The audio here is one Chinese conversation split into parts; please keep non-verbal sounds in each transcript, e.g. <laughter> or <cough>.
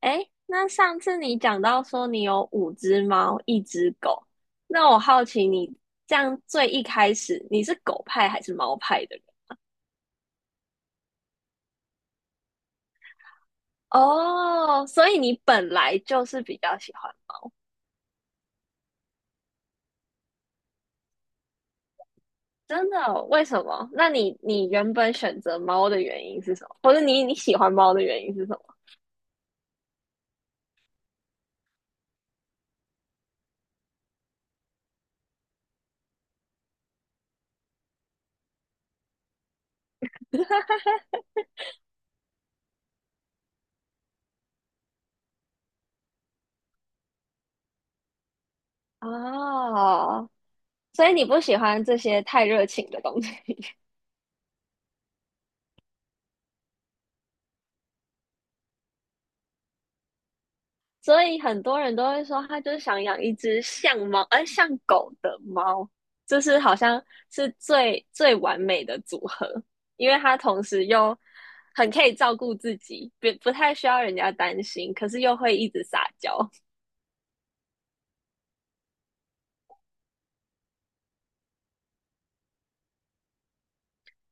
哎，那上次你讲到说你有五只猫，一只狗，那我好奇你这样最一开始你是狗派还是猫派的人？哦，所以你本来就是比较喜欢。真的哦，为什么？那你原本选择猫的原因是什么？或者你喜欢猫的原因是什么？哦，所以你不喜欢这些太热情的东西。所以很多人都会说，他就是想养一只像猫，像狗的猫，就是好像是最最完美的组合，因为它同时又很可以照顾自己，不太需要人家担心，可是又会一直撒娇。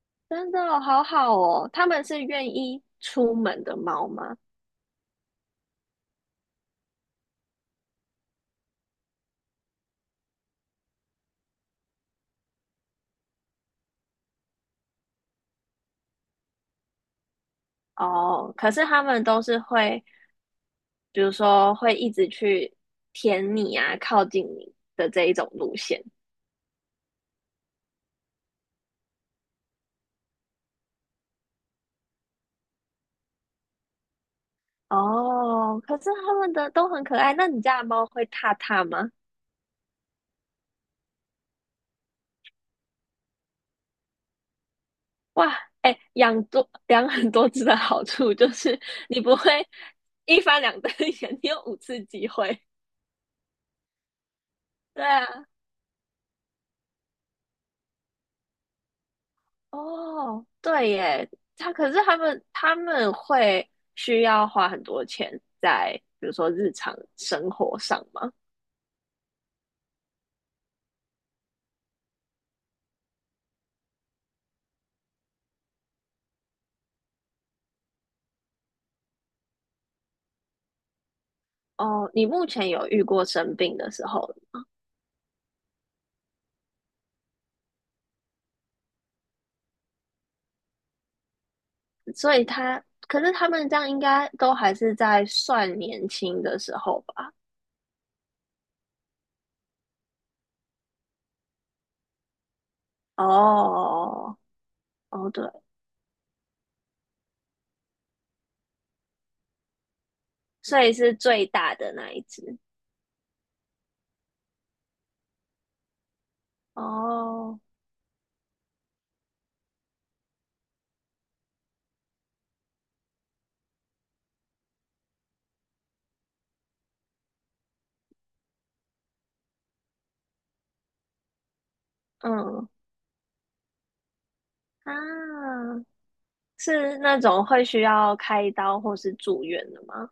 <laughs> 真的哦，好好哦。他们是愿意出门的猫吗？哦，可是他们都是会，比如说会一直去舔你啊，靠近你的这一种路线。哦，可是他们的都很可爱。那你家的猫会踏踏吗？哇，哎，<laughs> 养很多只的好处就是你不会一翻两瞪眼，<laughs> 你有五次机会。对啊。哦，对耶，可是他们会需要花很多钱在比如说日常生活上吗？哦，你目前有遇过生病的时候？所以他，可是他们这样应该都还是在算年轻的时候吧？哦哦，哦对，所以是最大的那一只。哦。嗯啊，是那种会需要开刀或是住院的吗？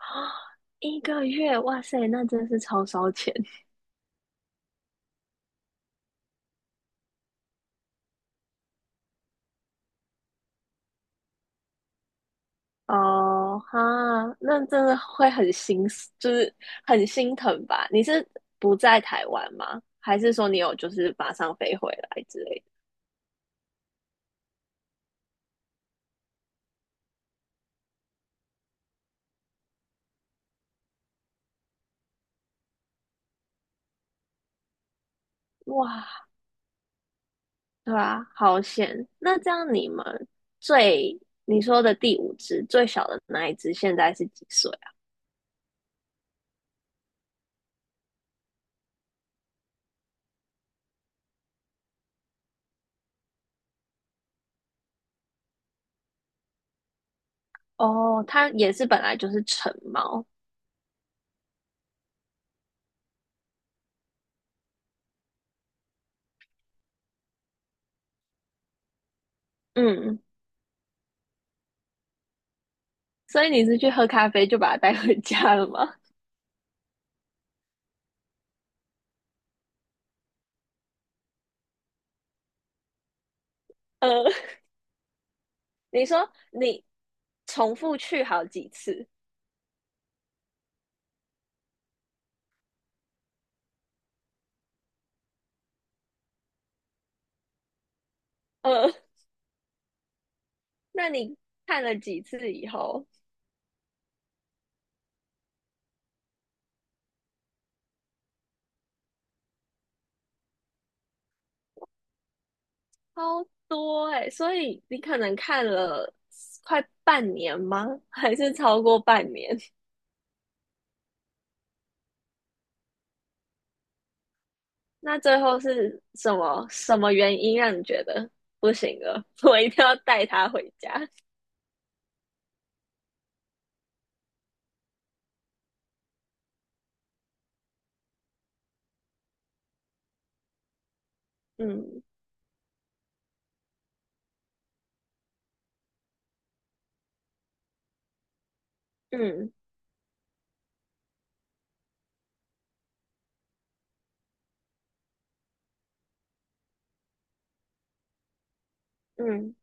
<gasps> 一个月，哇塞，那真是超烧钱。哦哈，那真的会就是很心疼吧？你是不在台湾吗？还是说你有就是马上飞回来之类的？哇，对啊，好险！那这样你们最你说的第五只最小的那一只现在是几岁啊？哦，它也是本来就是成猫。嗯，所以你是去喝咖啡就把它带回家了吗？呃，<laughs> 你说你重复去好几次。呃，那你看了几次以后，超多哎、所以你可能看了快半年吗？还是超过半年？那最后是什么什么原因让你觉得不行了？<laughs> 我一定要带他回家。嗯嗯嗯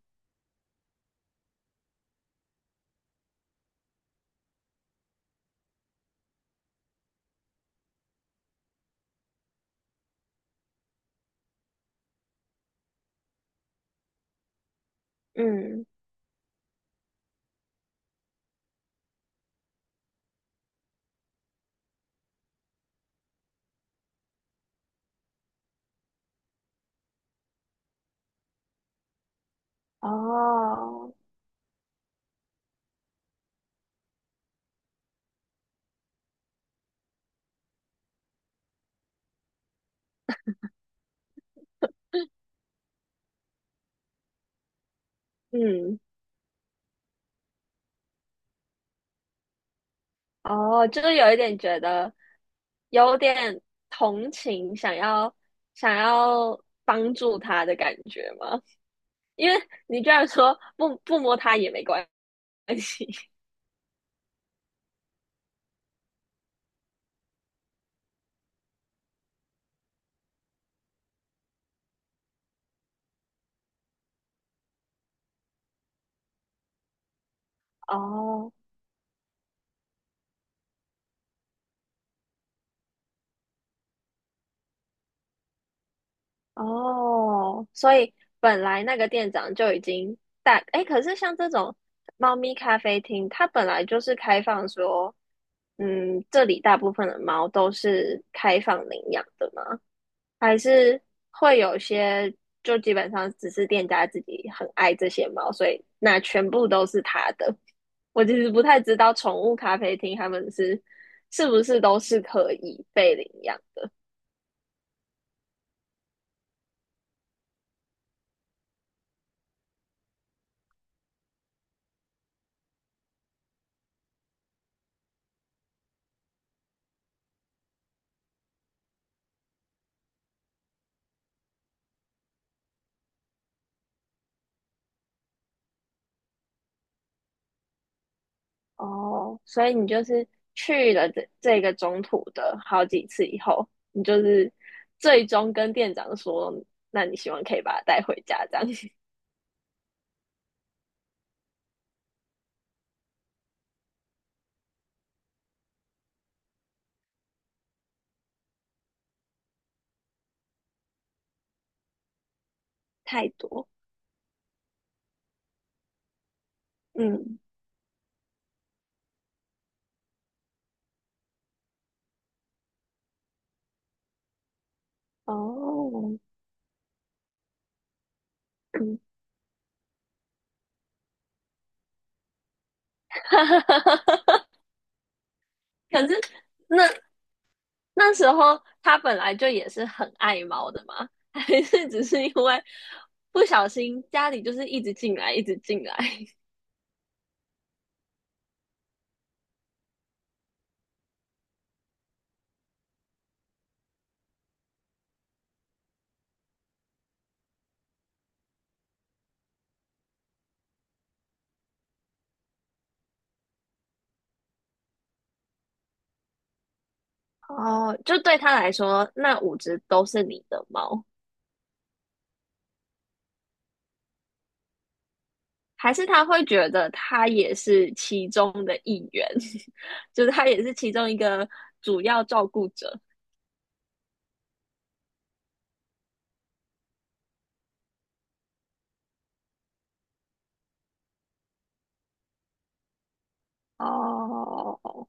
嗯。哦。嗯哦，就是有一点觉得有点同情，想要帮助他的感觉吗？因为你居然说不摸他也没关系。<laughs> 哦哦，所以本来那个店长就已经大，哎，可是像这种猫咪咖啡厅，它本来就是开放说，嗯，这里大部分的猫都是开放领养的吗？还是会有些就基本上只是店家自己很爱这些猫，所以那全部都是他的？我其实不太知道宠物咖啡厅他们是不是都是可以被领养的。哦，所以你就是去了这个中途的好几次以后，你就是最终跟店长说，那你希望可以把它带回家，这样。 <laughs> 太多。嗯。哦。嗯。<laughs> 可是那那时候他本来就也是很爱猫的嘛？<laughs> 还是只是因为不小心家里就是一直进来，一直进来？哦，就对他来说，那五只都是你的猫。还是他会觉得他也是其中的一员，<laughs> 就是他也是其中一个主要照顾者哦？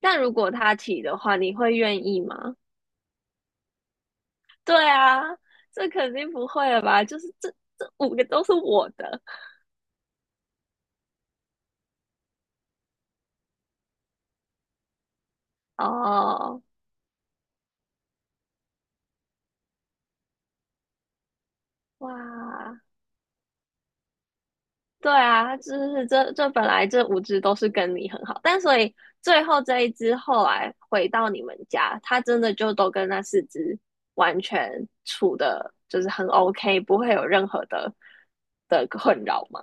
但如果他提的话，你会愿意吗？对啊，这肯定不会了吧？就是这五个都是我的哦。哇，对啊，就是这本来这五只都是跟你很好，但所以最后这一只后来回到你们家，它真的就都跟那四只完全处的，就是很 OK，不会有任何的困扰吗？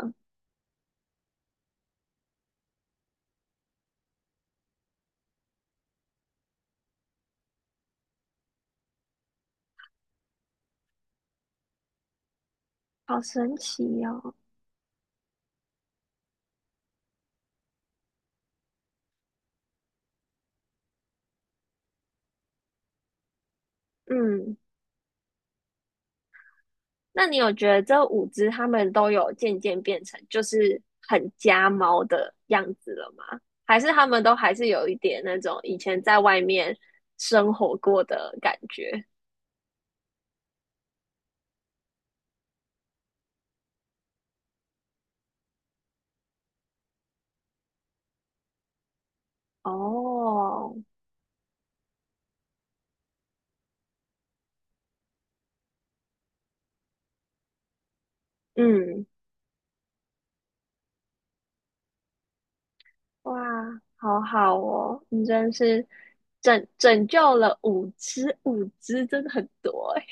好神奇哦！嗯，那你有觉得这五只它们都有渐渐变成就是很家猫的样子了吗？还是它们都还是有一点那种以前在外面生活过的感觉？哦。嗯。哇，好好哦，你真是拯救了五只，五只真的很多哎。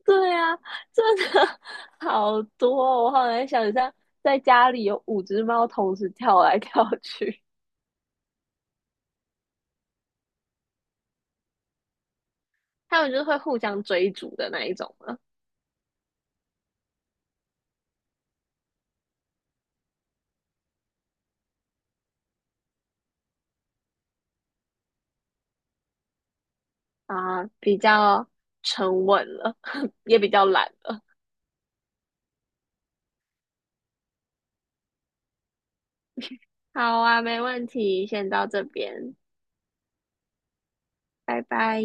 <laughs> 对啊，真的 <laughs> 好多哦，我好难想象在家里有五只猫同时跳来跳去。<laughs> 它们就是会互相追逐的那一种了啊，比较沉稳了，<laughs> 也比较懒了。好啊，没问题，先到这边，拜拜。